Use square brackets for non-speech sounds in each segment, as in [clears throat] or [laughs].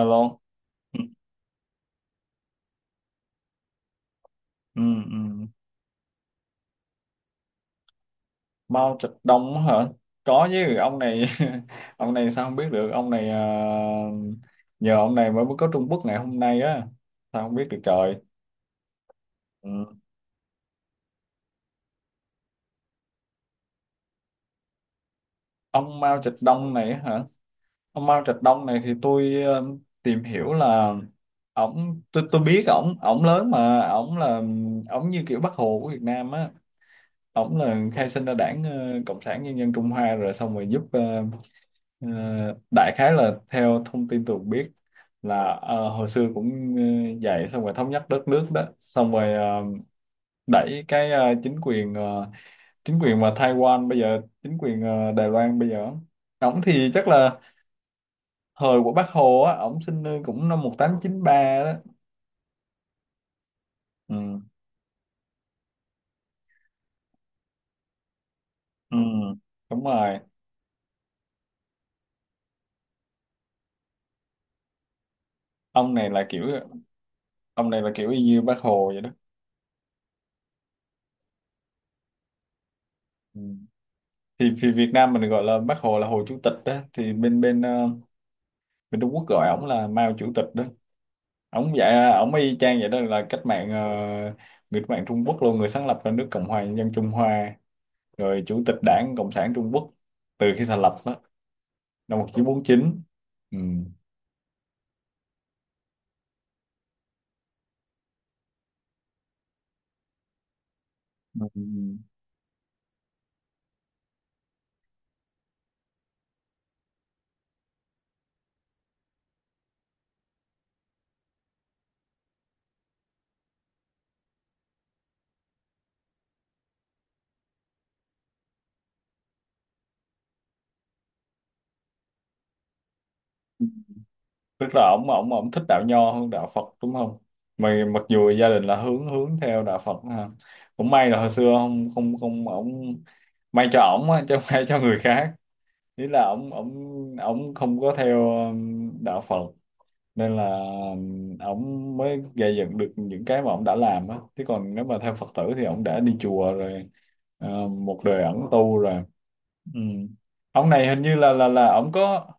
Alo. Ừ, ừ, ừ. Mao Trạch Đông hả? Có chứ, ông này [laughs] ông này sao không biết được, ông này nhờ ông này mới có Trung Quốc ngày hôm nay á. Sao không biết được trời. Ừ. Ông Mao Trạch Đông này hả? Ông Mao Trạch Đông này thì tìm hiểu là ổng tôi biết ổng ổng lớn mà ổng như kiểu Bác Hồ của Việt Nam á. Ổng là khai sinh ra đảng Cộng sản Nhân dân Trung Hoa rồi xong rồi Ờ, đại khái là theo thông tin tôi cũng biết là hồi xưa cũng dạy xong rồi thống nhất đất nước đó xong rồi đẩy cái chính quyền mà Taiwan bây giờ chính quyền Đài Loan bây giờ. Ổng thì chắc là thời của Bác Hồ á, ổng sinh nơi cũng năm 1893 đó. Ừ, ừ, đúng rồi. ông này là kiểu ông này là kiểu y như Bác Hồ vậy đó. Ừ. thì Việt Nam mình gọi là Bác Hồ là Hồ Chủ tịch đó, thì bên bên ờ, bên Trung Quốc gọi ổng là Mao Chủ tịch đó. Ông dạ ông y chang vậy đó, là người cách mạng Trung Quốc luôn, người sáng lập ra nước Cộng hòa Nhân dân Trung Hoa, rồi chủ tịch Đảng Cộng sản Trung Quốc từ khi thành lập đó năm 1949. Ừ. Ừ. Tức là ông thích đạo nho hơn đạo Phật đúng không, mà mặc dù gia đình là hướng hướng theo đạo Phật ha. Cũng may là hồi xưa không không không ông, may cho ổng á, chứ không may cho người khác. Ý là ổng ổng ổng không có theo đạo Phật, nên là ổng mới gây dựng được những cái mà ổng đã làm á, chứ còn nếu mà theo Phật tử thì ổng đã đi chùa rồi, một đời ẩn tu rồi. Ừ. Ông này hình như là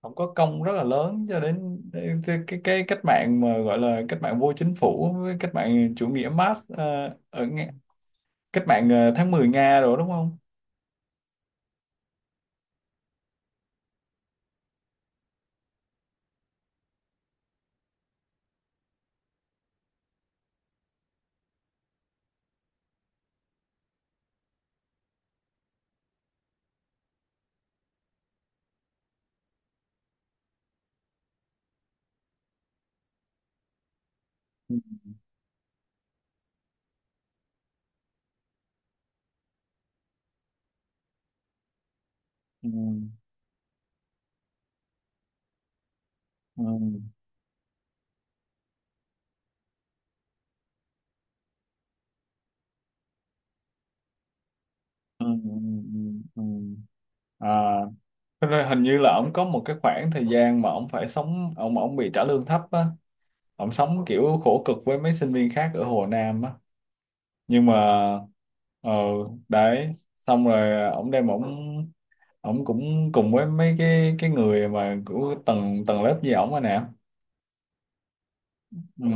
ổng có công rất là lớn cho đến đến cái cách mạng mà gọi là cách mạng vô chính phủ với cách mạng chủ nghĩa Marx, ở Nga- cách mạng tháng mười Nga rồi đúng không? Ừ. Ừ. Ừ. Ừ. Ừ. Ừ. Ừ. À, cho nên hình như là ổng có một cái khoảng thời gian mà ổng phải sống ổng ổng bị trả lương thấp á, ổng sống kiểu khổ cực với mấy sinh viên khác ở Hồ Nam á, nhưng mà ờ đấy, xong rồi ổng đem ổng ổng cũng cùng với mấy cái người mà của tầng tầng lớp gì ổng rồi nè. Ừ.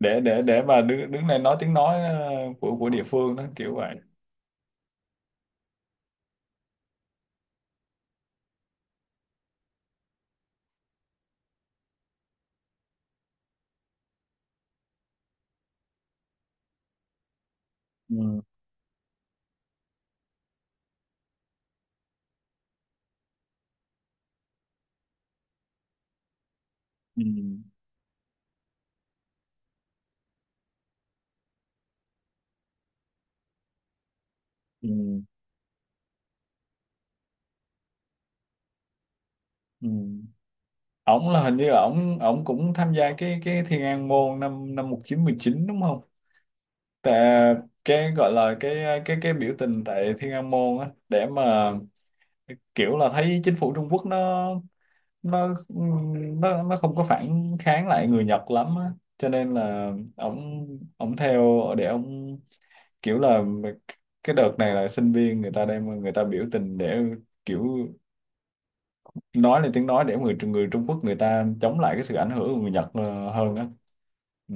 để mà đứng đứng lên nói tiếng nói của địa phương đó, kiểu vậy. Ừ. Ừ. Ừ. Ừ. ổng là Hình như là ổng ổng cũng tham gia cái Thiên An Môn năm năm 1919 đúng không? Tại cái gọi là cái biểu tình tại Thiên An Môn á, để mà kiểu là thấy chính phủ Trung Quốc nó nó không có phản kháng lại người Nhật lắm á, cho nên là ổng ổng theo để ổng kiểu là cái đợt này là sinh viên người ta đem người ta biểu tình để kiểu nói lên tiếng nói để người người Trung Quốc người ta chống lại cái sự ảnh hưởng của người Nhật hơn á. Ừ.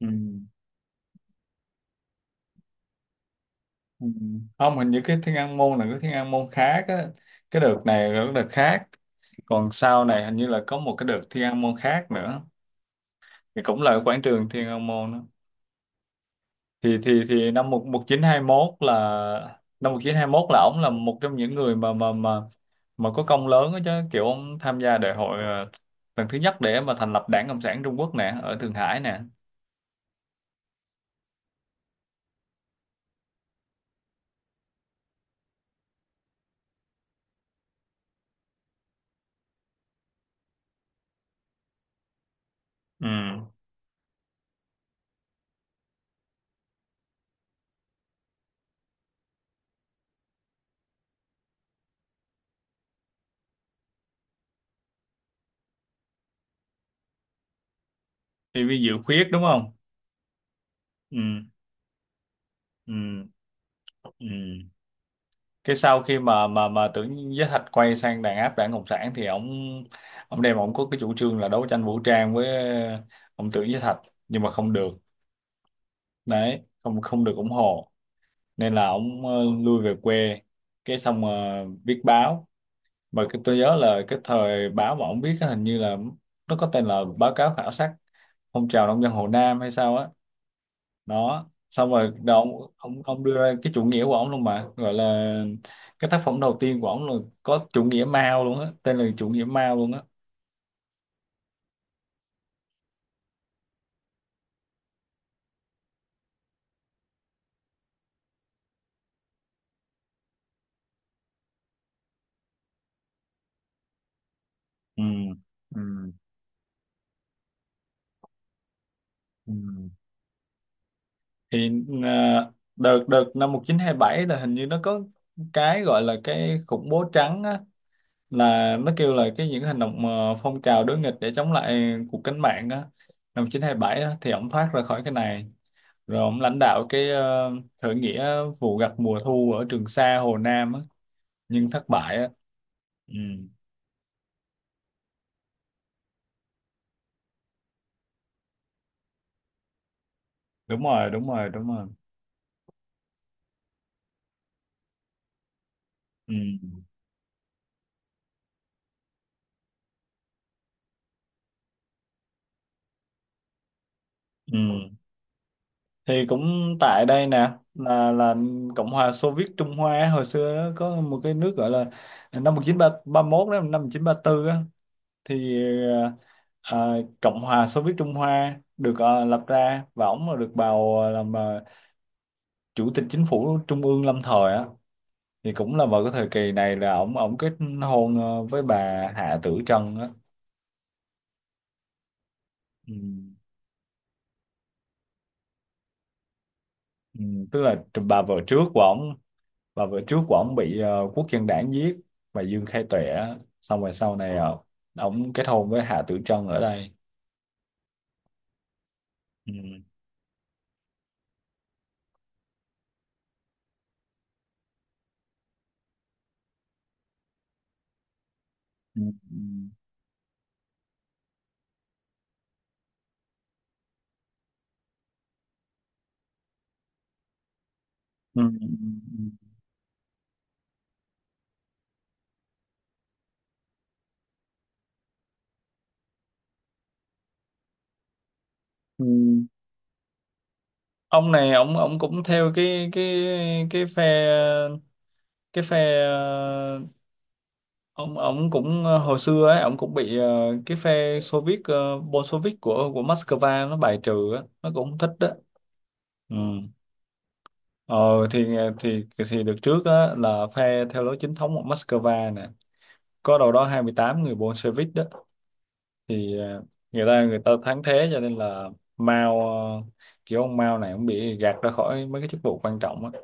Ừ. Ừ. Không, hình như cái Thiên An Môn là cái Thiên An Môn khác á. Cái đợt này là cái đợt khác. Còn sau này hình như là có một cái đợt Thiên An Môn khác nữa. Thì cũng là ở quảng trường Thiên An Môn đó. Thì năm một một chín hai mốt là năm 1921 là ổng là một trong những người mà có công lớn đó chứ, kiểu ông tham gia đại hội lần thứ nhất để mà thành lập Đảng Cộng sản Trung Quốc nè, ở Thượng Hải nè. Ừ. Thì vi Diệu Khuyết đúng không? Ừ. Ừ. Ừ. Cái sau khi mà Tưởng Giới Thạch quay sang đàn áp đảng Cộng sản thì ông có cái chủ trương là đấu tranh vũ trang với ông Tưởng Giới Thạch, nhưng mà không được. Đấy, không không được ủng hộ, nên là ông lui về quê, cái xong viết báo, mà cái tôi nhớ là cái thời báo mà ông viết á, hình như là nó có tên là báo cáo khảo sát phong trào nông dân Hồ Nam hay sao á. Đó xong rồi đó, ông đưa ra cái chủ nghĩa của ông luôn, mà gọi là cái tác phẩm đầu tiên của ông là có chủ nghĩa Mao luôn á, tên là chủ nghĩa Mao luôn á. Ừ. Ừ. Ừ. Thì à, đợt đợt năm 1927 là hình như nó có cái gọi là cái khủng bố trắng á, là nó kêu là cái những hành động, phong trào đối nghịch để chống lại cuộc cách mạng á, năm 1927 á. Thì ổng thoát ra khỏi cái này, rồi ông lãnh đạo cái, khởi nghĩa vụ gặt mùa thu ở Trường Sa Hồ Nam á, nhưng thất bại á. Ừ. Đúng rồi, đúng rồi, đúng rồi. Ừ. Ừ. Thì cũng tại đây nè, là Cộng hòa Xô Viết Trung Hoa á, hồi xưa á, có một cái nước gọi là, năm 1931 đó, năm 1934 á, thì ờ, Cộng hòa Xô Viết Trung Hoa được lập ra, và ổng là được bầu làm chủ tịch chính phủ trung ương lâm thời á. Thì cũng là vào cái thời kỳ này là ổng ổng kết hôn với bà Hạ Tử Trân á. Ừ. Ừ. Tức là bà vợ trước của ổng bị quốc dân đảng giết, bà Dương Khai Tuệ á. Xong rồi sau này ổng kết hôn với Hạ Tử Trân ở đây. Ừ. Ừ. Ừ. Ừ. Ừ. Ông này ông cũng theo cái phe cái phe, hồi xưa ấy ông cũng bị cái phe Soviet, Bolshevik của Moscow nó bài trừ á, nó cũng không thích đó. Ừ. ờ thì ờ, thì thì được trước á là phe theo lối chính thống của Moscow nè, có đâu đó 28 người Bolshevik đó. Thì người ta thắng thế, cho nên là Mao ờ, kiểu ông Mao này cũng bị gạt ra khỏi mấy cái chức vụ quan trọng á.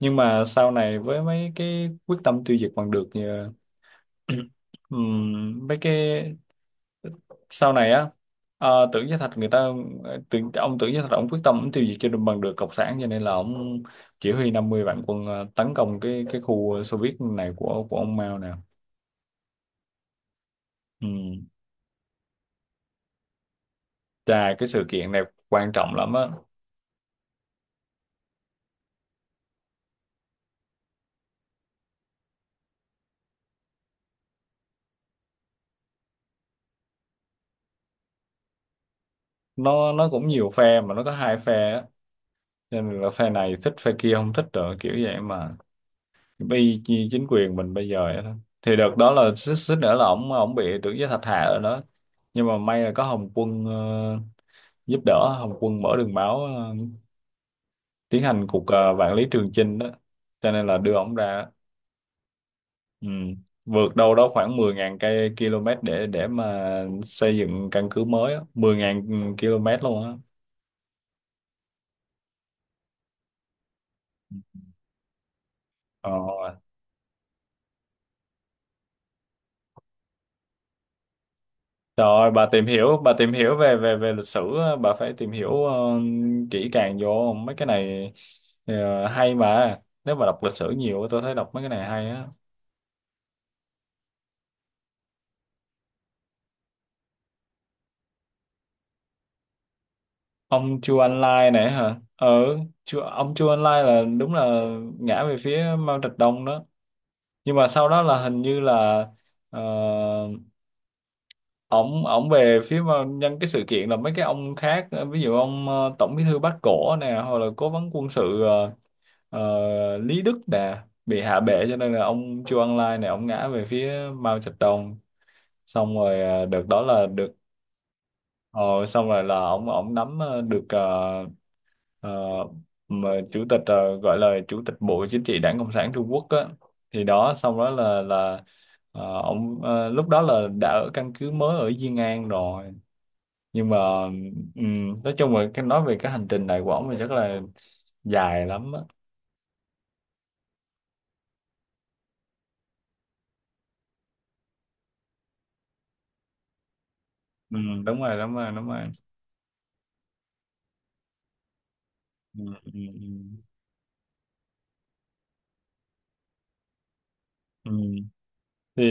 Nhưng mà sau này với mấy cái quyết tâm tiêu diệt bằng được, [clears throat] mấy cái sau này á, ờ, tưởng Gia Thạch người ta ờ, tưởng ông Tưởng Gia Thạch ông quyết tâm ông tiêu diệt cho bằng được cộng sản, cho nên là ông chỉ huy 500.000 quân tấn công cái khu Xô Viết này của ông Mao nè. Ừ. Chà, cái sự kiện này quan trọng lắm á. Nó cũng nhiều phe, mà nó có hai phe á, cho nên là phe này thích, phe kia không thích, rồi kiểu vậy mà. Vì chính quyền mình bây giờ vậy đó. Thì đợt đó là xích xích nữa là ổng ổng bị Tưởng Giới Thạch hạ rồi đó, nhưng mà may là có Hồng Quân giúp đỡ. Hồng Quân mở đường máu, tiến hành cuộc, vạn lý trường chinh đó, cho nên là đưa ổng ra. Ừ. Vượt đâu đó khoảng 10.000 cây km để mà xây dựng căn cứ mới á. 10.000 km luôn á. ờ, Trời ơi, bà tìm hiểu về về về lịch sử á, bà phải tìm hiểu kỹ càng vô mấy cái này. Hay mà. Nếu mà đọc lịch sử nhiều á, tôi thấy đọc mấy cái này hay á. Ông Chu An Lai này hả? Ừ, ông Chu An Lai là đúng là ngã về phía Mao Trạch Đông đó. Nhưng mà sau đó là hình như là ờ, ổng ổng về phía nhân cái sự kiện là mấy cái ông khác, ví dụ ông Tổng Bí thư Bác Cổ nè, hoặc là cố vấn quân sự, Ờ, Lý Đức Đà bị hạ bệ, cho nên là ông Chu Ân Lai này ông ngã về phía Mao Trạch Đông. Xong rồi đợt đó là được, ờ, xong rồi là ông nắm được, ờ, mà chủ tịch, gọi là chủ tịch Bộ Chính trị Đảng Cộng sản Trung Quốc á. Thì đó, xong đó là ông lúc đó là đã ở căn cứ mới ở Diên An rồi, nhưng mà nói chung là cái nói về cái hành trình này của ông thì chắc là dài lắm á. Ừ, đúng rồi, đúng rồi, đúng rồi. Ừ, ừ, ừ. Ừ. Ừ. Thì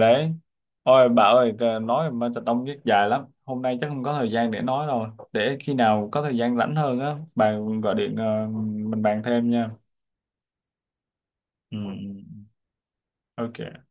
đấy, ôi bà ơi, nói mà thật đông rất dài lắm, hôm nay chắc không có thời gian để nói rồi, để khi nào có thời gian rảnh hơn á bà gọi điện, mình bàn thêm nha. Ừ. Ừ, ừ. Ok.